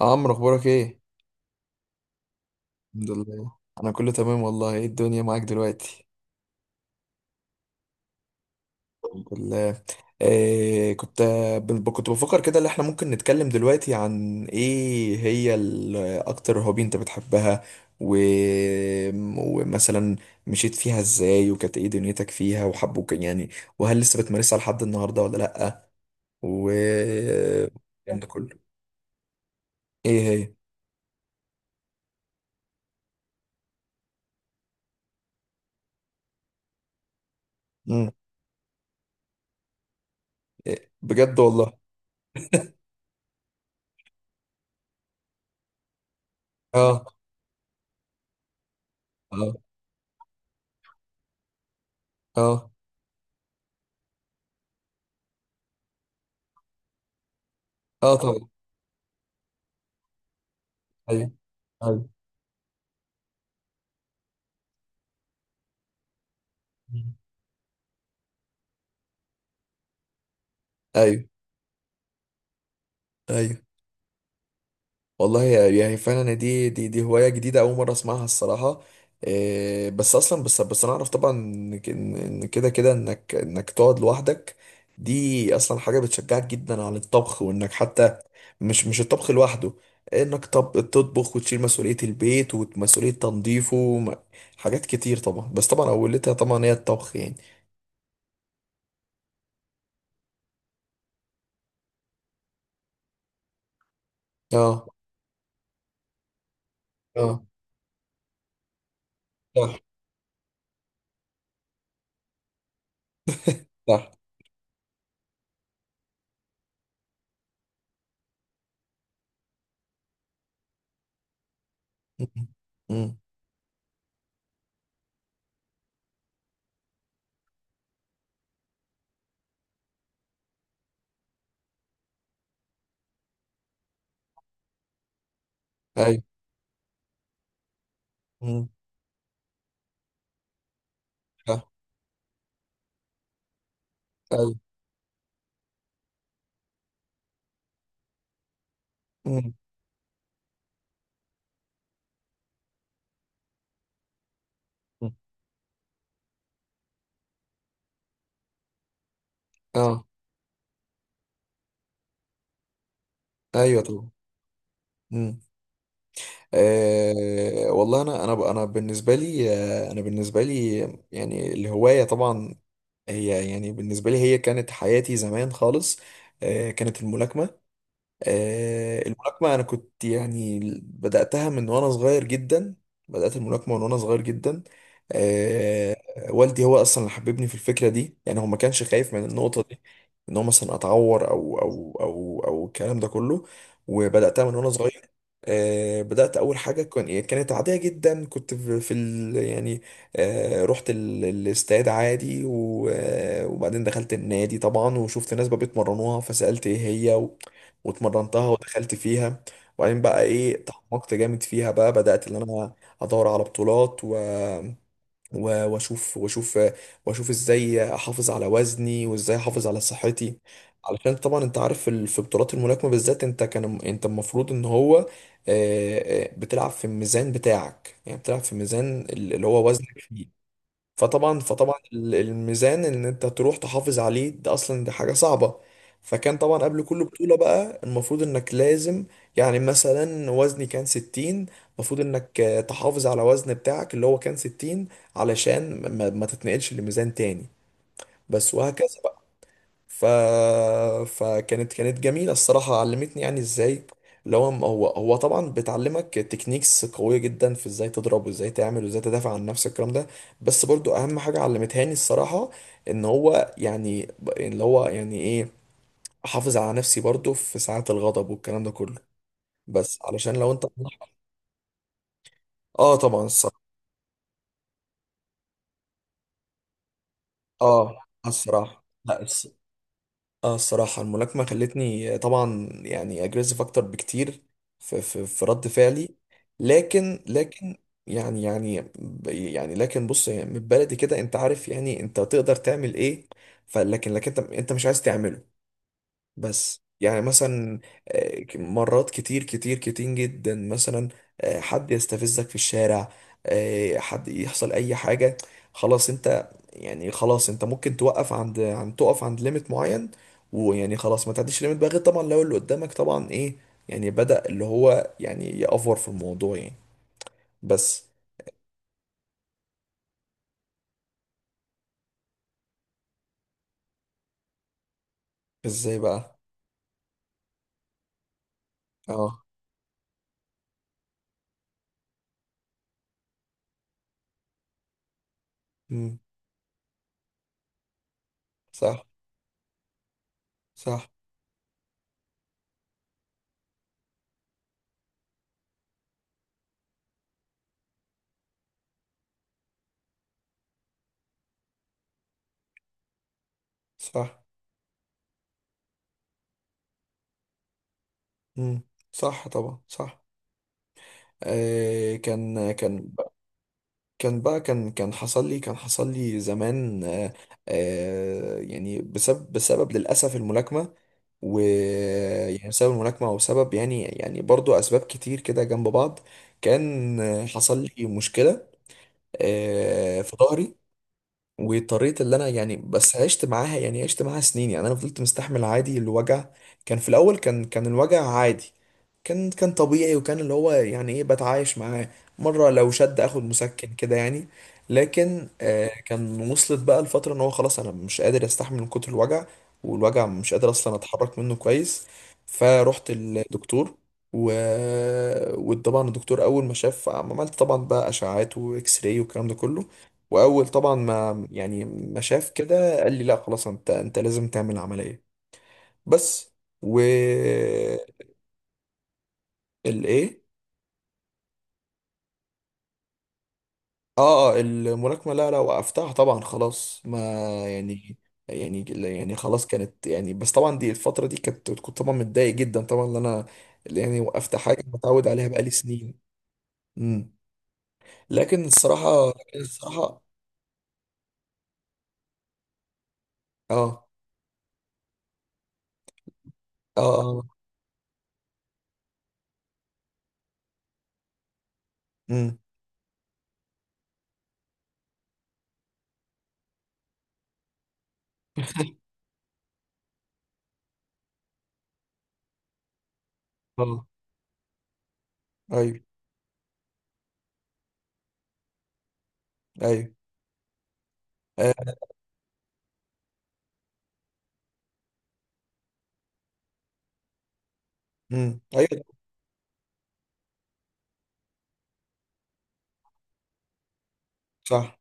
عمرو، اخبارك ايه؟ الحمد لله. انا كله تمام والله. ايه الدنيا معاك دلوقتي؟ الحمد لله. إيه كنت كنت بفكر كده ان احنا ممكن نتكلم دلوقتي عن ايه هي اكتر هوبي انت بتحبها، و... ومثلا مشيت فيها ازاي، وكانت ايه دنيتك فيها وحبوك، يعني وهل لسه بتمارسها لحد النهارده ولا لأ، و الكلام ده كله. ايه هي؟ مم. إيه بجد والله. اه، اه. اه، اه طبعا. ايوه. أيوه. ايوه. ايوه والله، يعني فعلا دي هوايه جديده اول مره اسمعها الصراحه. إيه بس اصلا، بس انا اعرف طبعا ان ك- ان إن كده كده انك تقعد لوحدك. دي اصلا حاجه بتشجعك جدا على الطبخ، وانك حتى مش الطبخ لوحده، انك طب تطبخ وتشيل مسؤوليه البيت ومسؤوليه تنظيفه حاجات كتير طبعا، بس طبعا اولتها طبعا هي الطبخ يعني. اه، اه. صح. صح. م-. م-. ايوه. م-. صح. ايوه. م-. اه. ايوه طبعا. امم. آه والله، انا انا بالنسبه لي، انا بالنسبه لي يعني الهوايه طبعا هي، يعني بالنسبه لي هي كانت حياتي زمان خالص. آه كانت الملاكمه. الملاكمة أنا كنت يعني بدأتها من وأنا صغير جدا. بدأت الملاكمة من وأنا صغير جدا. آه، والدي هو أصلا اللي حببني في الفكرة دي، يعني هو ما كانش خايف من النقطة دي، إن هو مثلا أتعور أو الكلام ده كله. وبدأتها من وأنا صغير. بدأت أول حاجة كان إيه، كانت عادية جدا. كنت في ال يعني، رحت الاستاد عادي وبعدين دخلت النادي طبعا وشفت ناس بقى بيتمرنوها فسألت إيه هي واتمرنتها ودخلت فيها. وبعدين بقى ايه تعمقت جامد فيها، بقى بدأت ان انا ادور على بطولات واشوف، واشوف ازاي احافظ على وزني، وازاي احافظ على صحتي. علشان طبعا انت عارف في بطولات الملاكمة بالذات انت كان انت المفروض ان هو آه، بتلعب في الميزان بتاعك، يعني بتلعب في الميزان اللي هو وزنك فيه. فطبعا الميزان ان انت تروح تحافظ عليه ده اصلا، دي حاجه صعبه. فكان طبعا قبل كل بطوله بقى المفروض انك لازم، يعني مثلا وزني كان 60، المفروض انك آه، تحافظ على وزن بتاعك اللي هو كان 60، علشان ما تتنقلش لميزان تاني، بس وهكذا. ف... فكانت جميلة الصراحة، علمتني يعني ازاي، اللي هو طبعا بتعلمك تكنيكس قوية جدا في ازاي تضرب، وازاي تعمل، وازاي تدافع عن نفسك، الكلام ده. بس برضو اهم حاجة علمتهاني الصراحة ان هو يعني اللي هو يعني ايه، احافظ على نفسي برضو في ساعات الغضب والكلام ده كله، بس علشان لو انت. اه طبعا الصراحة. اه الصراحة لا. اه الصراحة الملاكمة خلتني طبعا يعني اجريسيف اكتر بكتير في رد فعلي. لكن يعني يعني يعني لكن بص، يعني من بلدي كده انت عارف يعني انت تقدر تعمل ايه. فلكن، لكن انت، انت مش عايز تعمله. بس يعني مثلا آه، مرات كتير جدا مثلا آه، حد يستفزك في الشارع، آه، حد يحصل اي حاجة، خلاص انت يعني خلاص انت ممكن توقف عند تقف عند ليميت معين. ويعني خلاص ما تعديش ليميت بقى، غير طبعا لو اللي قدامك طبعا ايه، يعني بدأ اللي هو يعني يأفور في الموضوع يعني. بس ازاي بقى؟ اه. مم. صح. صح. صح. مم. صح طبعا صح. آه، كان كان، كان بقى كان، كان حصل لي، كان حصل لي زمان آه، آه، يعني بسبب، بسبب للأسف الملاكمة. ويعني بسبب الملاكمة وسبب، يعني يعني برضو أسباب كتير كده جنب بعض. كان آه، حصل لي مشكلة آه، في ظهري. وطريقة اللي انا يعني بس عشت معاها، يعني عشت معاها سنين يعني، انا فضلت مستحمل عادي الوجع. كان في الاول كان الوجع عادي، كان طبيعي، وكان اللي هو يعني ايه بتعايش معاه، مرة لو شد اخد مسكن كده يعني. لكن آه كان وصلت بقى الفترة ان هو خلاص انا مش قادر استحمل من كتر الوجع، والوجع مش قادر اصلا اتحرك منه كويس. فرحت الدكتور و... وطبعا الدكتور اول ما شاف، عملت طبعا بقى اشعاعات واكس راي والكلام ده كله. واول طبعا ما يعني ما شاف كده قال لي لا خلاص انت، انت لازم تعمل عمليه. بس و. الايه؟ اه اه الملاكمه لا لا وقفتها طبعا خلاص، ما يعني، يعني يعني خلاص كانت يعني، بس طبعا دي الفتره، دي كانت كنت طبعا متضايق جدا طبعا ان انا اللي يعني وقفت حاجه متعود عليها بقالي سنين. امم. لكن الصراحه. اه. اه. اه. امم. اه. ايوه. ايوه. امم. ايوه. صح.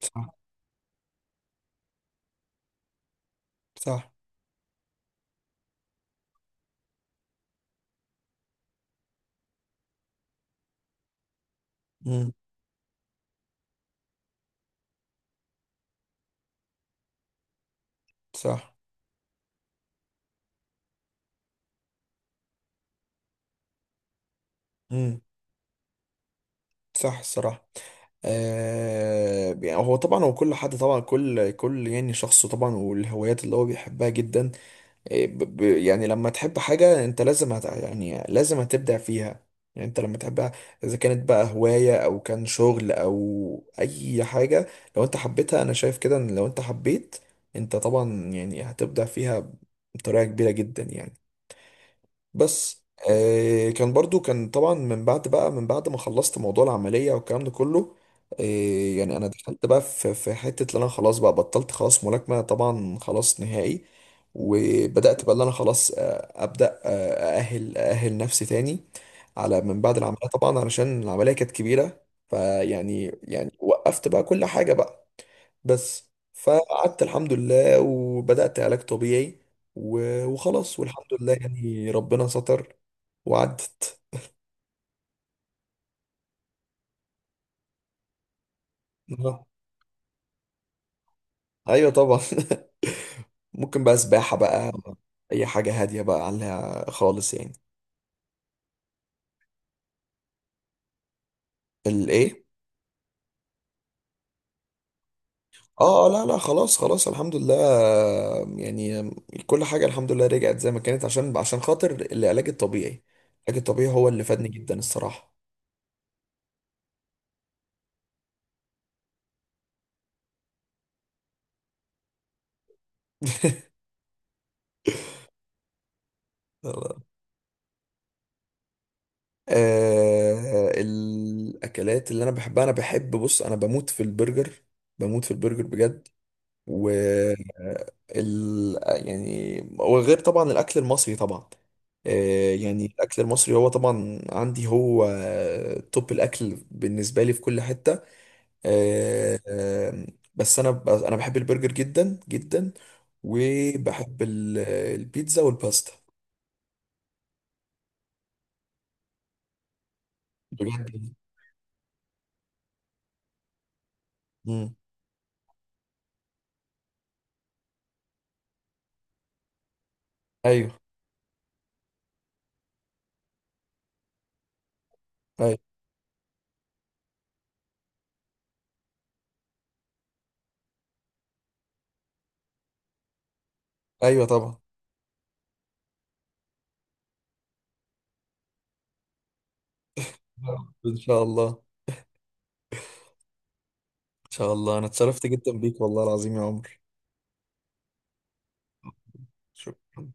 صح. صح. مم. صح. مم. صح الصراحة. آه يعني هو طبعا هو كل حد طبعا، كل يعني شخص طبعا والهوايات اللي هو بيحبها جدا آه، يعني لما تحب حاجة انت لازم هت، يعني لازم هتبدع فيها. يعني انت لما تحبها، اذا كانت بقى هواية او كان شغل او اي حاجة، لو انت حبيتها، انا شايف كده ان لو انت حبيت، انت طبعا يعني هتبدع فيها بطريقة كبيرة جدا يعني. بس آه كان برضو، كان طبعا من بعد بقى، من بعد ما خلصت موضوع العملية والكلام ده كله آه، يعني انا دخلت بقى في في حتة اللي انا خلاص بقى بطلت خلاص ملاكمة طبعا خلاص نهائي. وبدأت بقى اللي انا خلاص آه ابدأ آه، اأهل نفسي تاني، على من بعد العملية طبعا علشان العملية كانت كبيرة. فيعني، يعني وقفت بقى كل حاجة بقى. بس فقعدت الحمد لله وبدأت علاج طبيعي، وخلاص والحمد لله يعني ربنا ستر وعدت. آه. ايوه طبعا. ممكن بقى سباحة بقى، اي حاجة هادية بقى عليها خالص يعني. الايه؟ اه آه، لا لا خلاص خلاص الحمد لله يعني. كل حاجة الحمد لله رجعت زي ما كانت، عشان عشان خاطر العلاج الطبيعي. العلاج الطبيعي هو اللي فادني جدا الصراحة. آه الاكلات اللي انا بحبها، انا بحب بص انا بموت في البرجر، بموت في البرجر بجد. و ال يعني، وغير طبعا الاكل المصري طبعا آه، يعني الاكل المصري هو طبعا عندي هو توب الاكل بالنسبه لي في كل حته آه، آه، بس انا انا بحب البرجر جدا جدا. وبحب البيتزا والباستا بجد. مم. ايوه. ايوه. ايوه طبعا. ان شاء الله. ان شاء الله، انا اتشرفت جدا بيك والله العظيم يا عمر. شكرا.